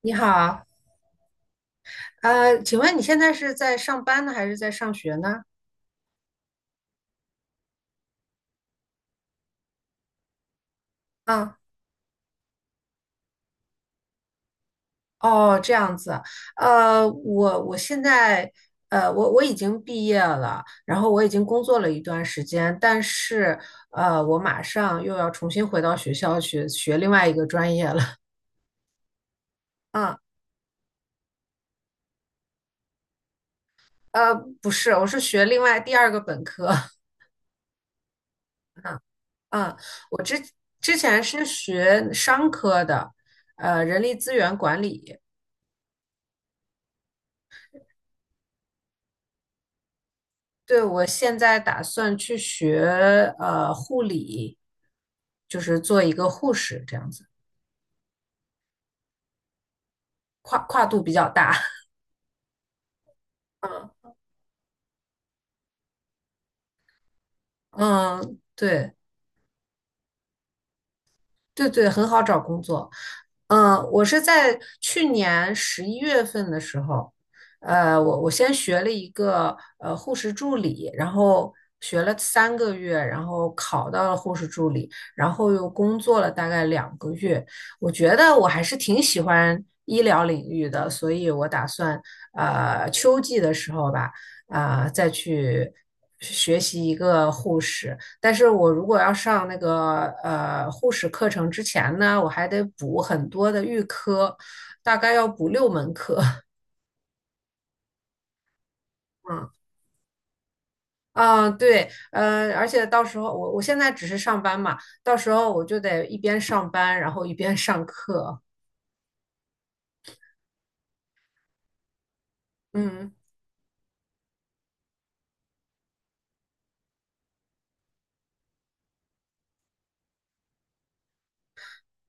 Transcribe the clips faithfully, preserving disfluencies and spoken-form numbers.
你好。呃，请问你现在是在上班呢，还是在上学呢？啊。哦，这样子。呃，我我现在，呃，我我已经毕业了，然后我已经工作了一段时间，但是，呃，我马上又要重新回到学校去学另外一个专业了。嗯。呃，不是，我是学另外第二个本科。嗯。我之之前是学商科的，呃，人力资源管理。对，我现在打算去学呃护理，就是做一个护士这样子。跨跨度比较大。嗯，嗯，对。对对，很好找工作。嗯。我是在去年十一月份的时候，呃，我我先学了一个呃护士助理，然后学了三个月，然后考到了护士助理，然后又工作了大概两个月。我觉得我还是挺喜欢医疗领域的，所以我打算呃秋季的时候吧，啊、再去学习一个护士。但是我如果要上那个呃护士课程之前呢，我还得补很多的预科，大概要补六门课。嗯啊，对，呃，而且到时候我我现在只是上班嘛，到时候我就得一边上班，然后一边上课。嗯。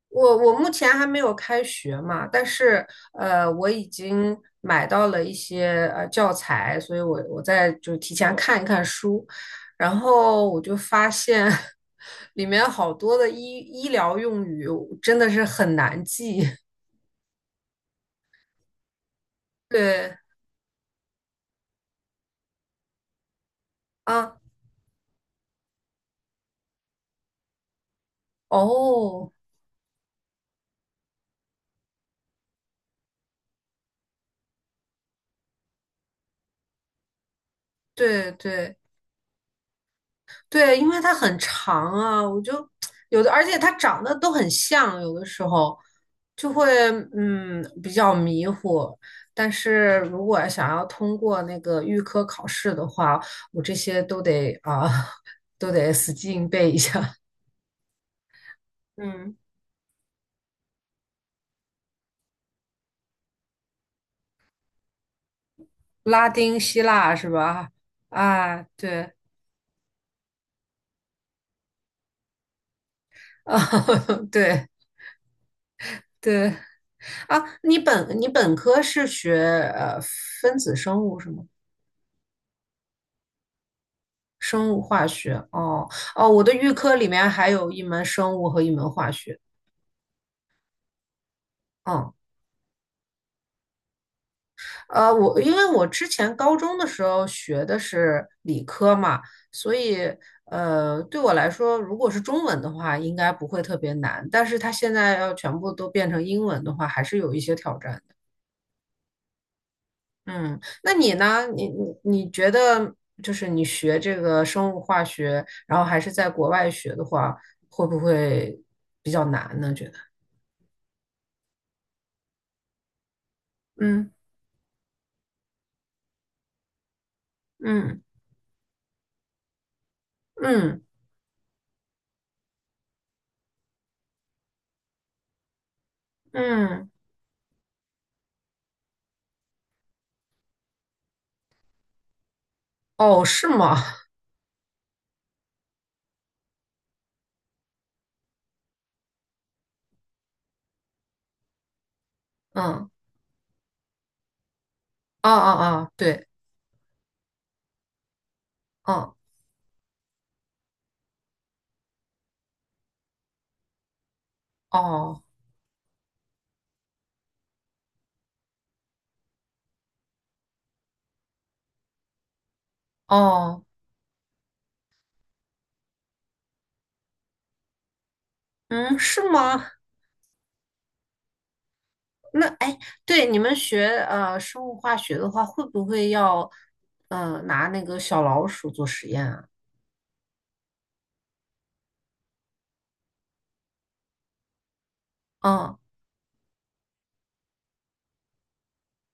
我我目前还没有开学嘛，但是呃，我已经买到了一些呃教材，所以我我在就提前看一看书，然后我就发现 里面好多的医医疗用语真的是很难记。对啊。哦，对对，对，因为它很长啊，我就有的，而且它长得都很像，有的时候就会嗯比较迷糊。但是如果想要通过那个预科考试的话，我这些都得啊，都得死记硬背一下。嗯。拉丁希腊是吧？啊，对。啊，对对啊，你本你本科是学呃分子生物是吗？生物化学。哦哦，我的预科里面还有一门生物和一门化学。嗯。呃，我因为我之前高中的时候学的是理科嘛，所以呃，对我来说，如果是中文的话，应该不会特别难。但是它现在要全部都变成英文的话，还是有一些挑战的。嗯。那你呢？你你你觉得，就是你学这个生物化学，然后还是在国外学的话，会不会比较难呢？觉得？嗯。嗯嗯嗯，哦，是吗？嗯，啊啊啊，对。嗯，哦哦。嗯，是吗？那哎，对，你们学呃生物化学的话，会不会要呃拿那个小老鼠做实验啊？嗯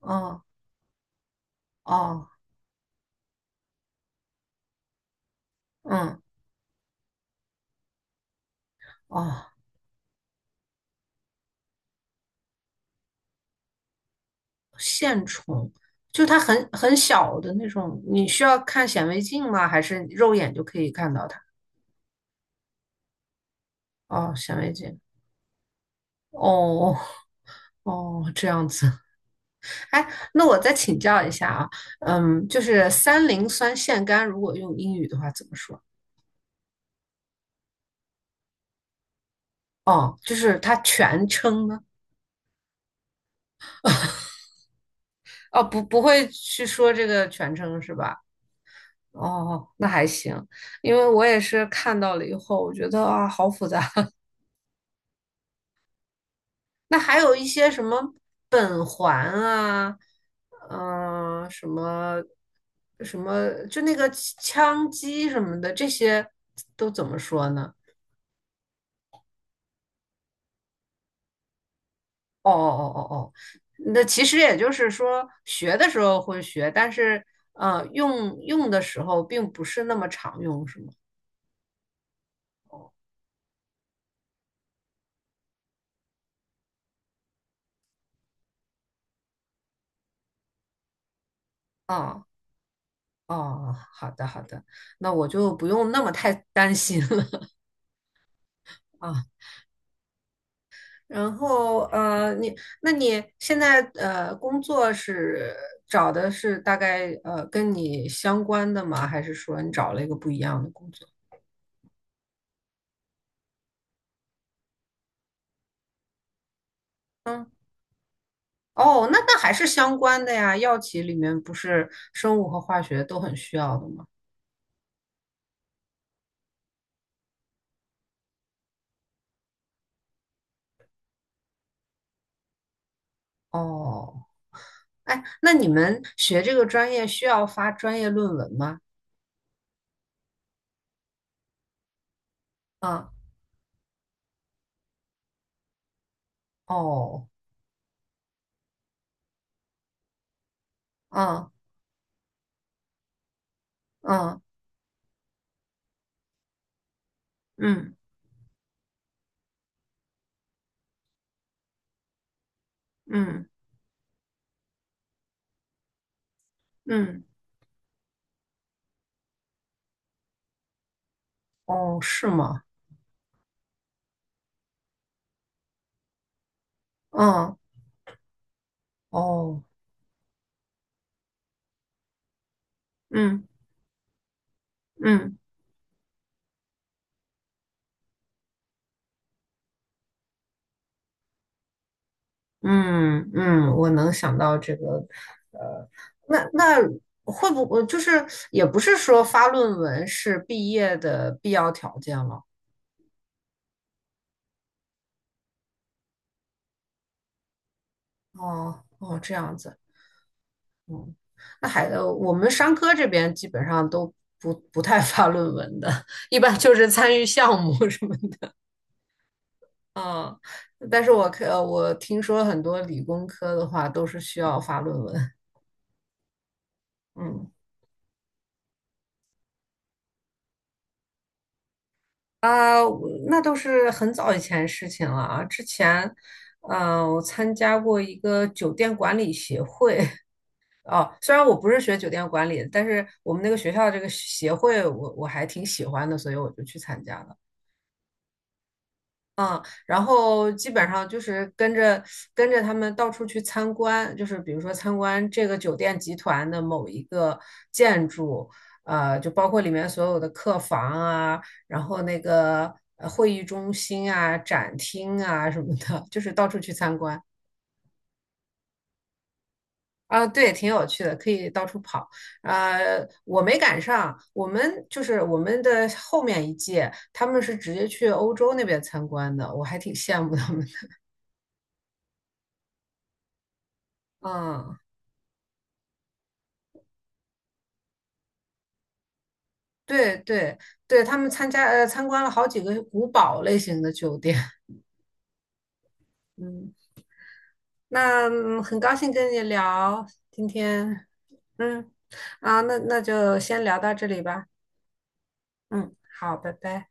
嗯哦嗯哦，线虫，就它很很小的那种，你需要看显微镜吗？还是肉眼就可以看到它？哦，显微镜。哦哦，这样子。哎，那我再请教一下啊。嗯，就是三磷酸腺苷，如果用英语的话怎么说？哦，就是它全称呢？哦，不，不会去说这个全称是吧？哦，那还行。因为我也是看到了以后，我觉得啊，好复杂。那还有一些什么苯环啊，嗯、什么什么，就那个羟基什么的，这些都怎么说呢？哦哦哦哦，哦，那其实也就是说，学的时候会学，但是呃，用用的时候并不是那么常用，是吗？啊、哦，好的好的。那我就不用那么太 担心了 啊。然后呃，你那你现在呃工作是找的是大概呃跟你相关的吗？还是说你找了一个不一样的工作？嗯。哦，那那还是相关的呀，药企里面不是生物和化学都很需要的吗？哦。哎，那你们学这个专业需要发专业论文吗？啊，哦。嗯嗯嗯嗯嗯，哦，是吗？嗯，哦，嗯嗯嗯嗯，我能想到这个。那那会不会就是也不是说发论文是毕业的必要条件了？哦哦，这样子。嗯。那还呃，我们商科这边基本上都不不太发论文的，一般就是参与项目什么的。啊。但是我看我听说很多理工科的话都是需要发论文。嗯啊，我那都是很早以前事情了啊。之前，嗯、我参加过一个酒店管理协会。哦，虽然我不是学酒店管理的，但是我们那个学校这个协会我我还挺喜欢的，所以我就去参加了。嗯。然后基本上就是跟着跟着他们到处去参观，就是比如说参观这个酒店集团的某一个建筑，呃，就包括里面所有的客房啊，然后那个呃会议中心啊、展厅啊什么的，就是到处去参观。啊，对，挺有趣的，可以到处跑。呃，我没赶上，我们就是我们的后面一届，他们是直接去欧洲那边参观的，我还挺羡慕他们的。嗯。对对对，他们参加呃参观了好几个古堡类型的酒店。嗯。那嗯很高兴跟你聊今天。嗯啊，那那就先聊到这里吧。嗯，好，拜拜。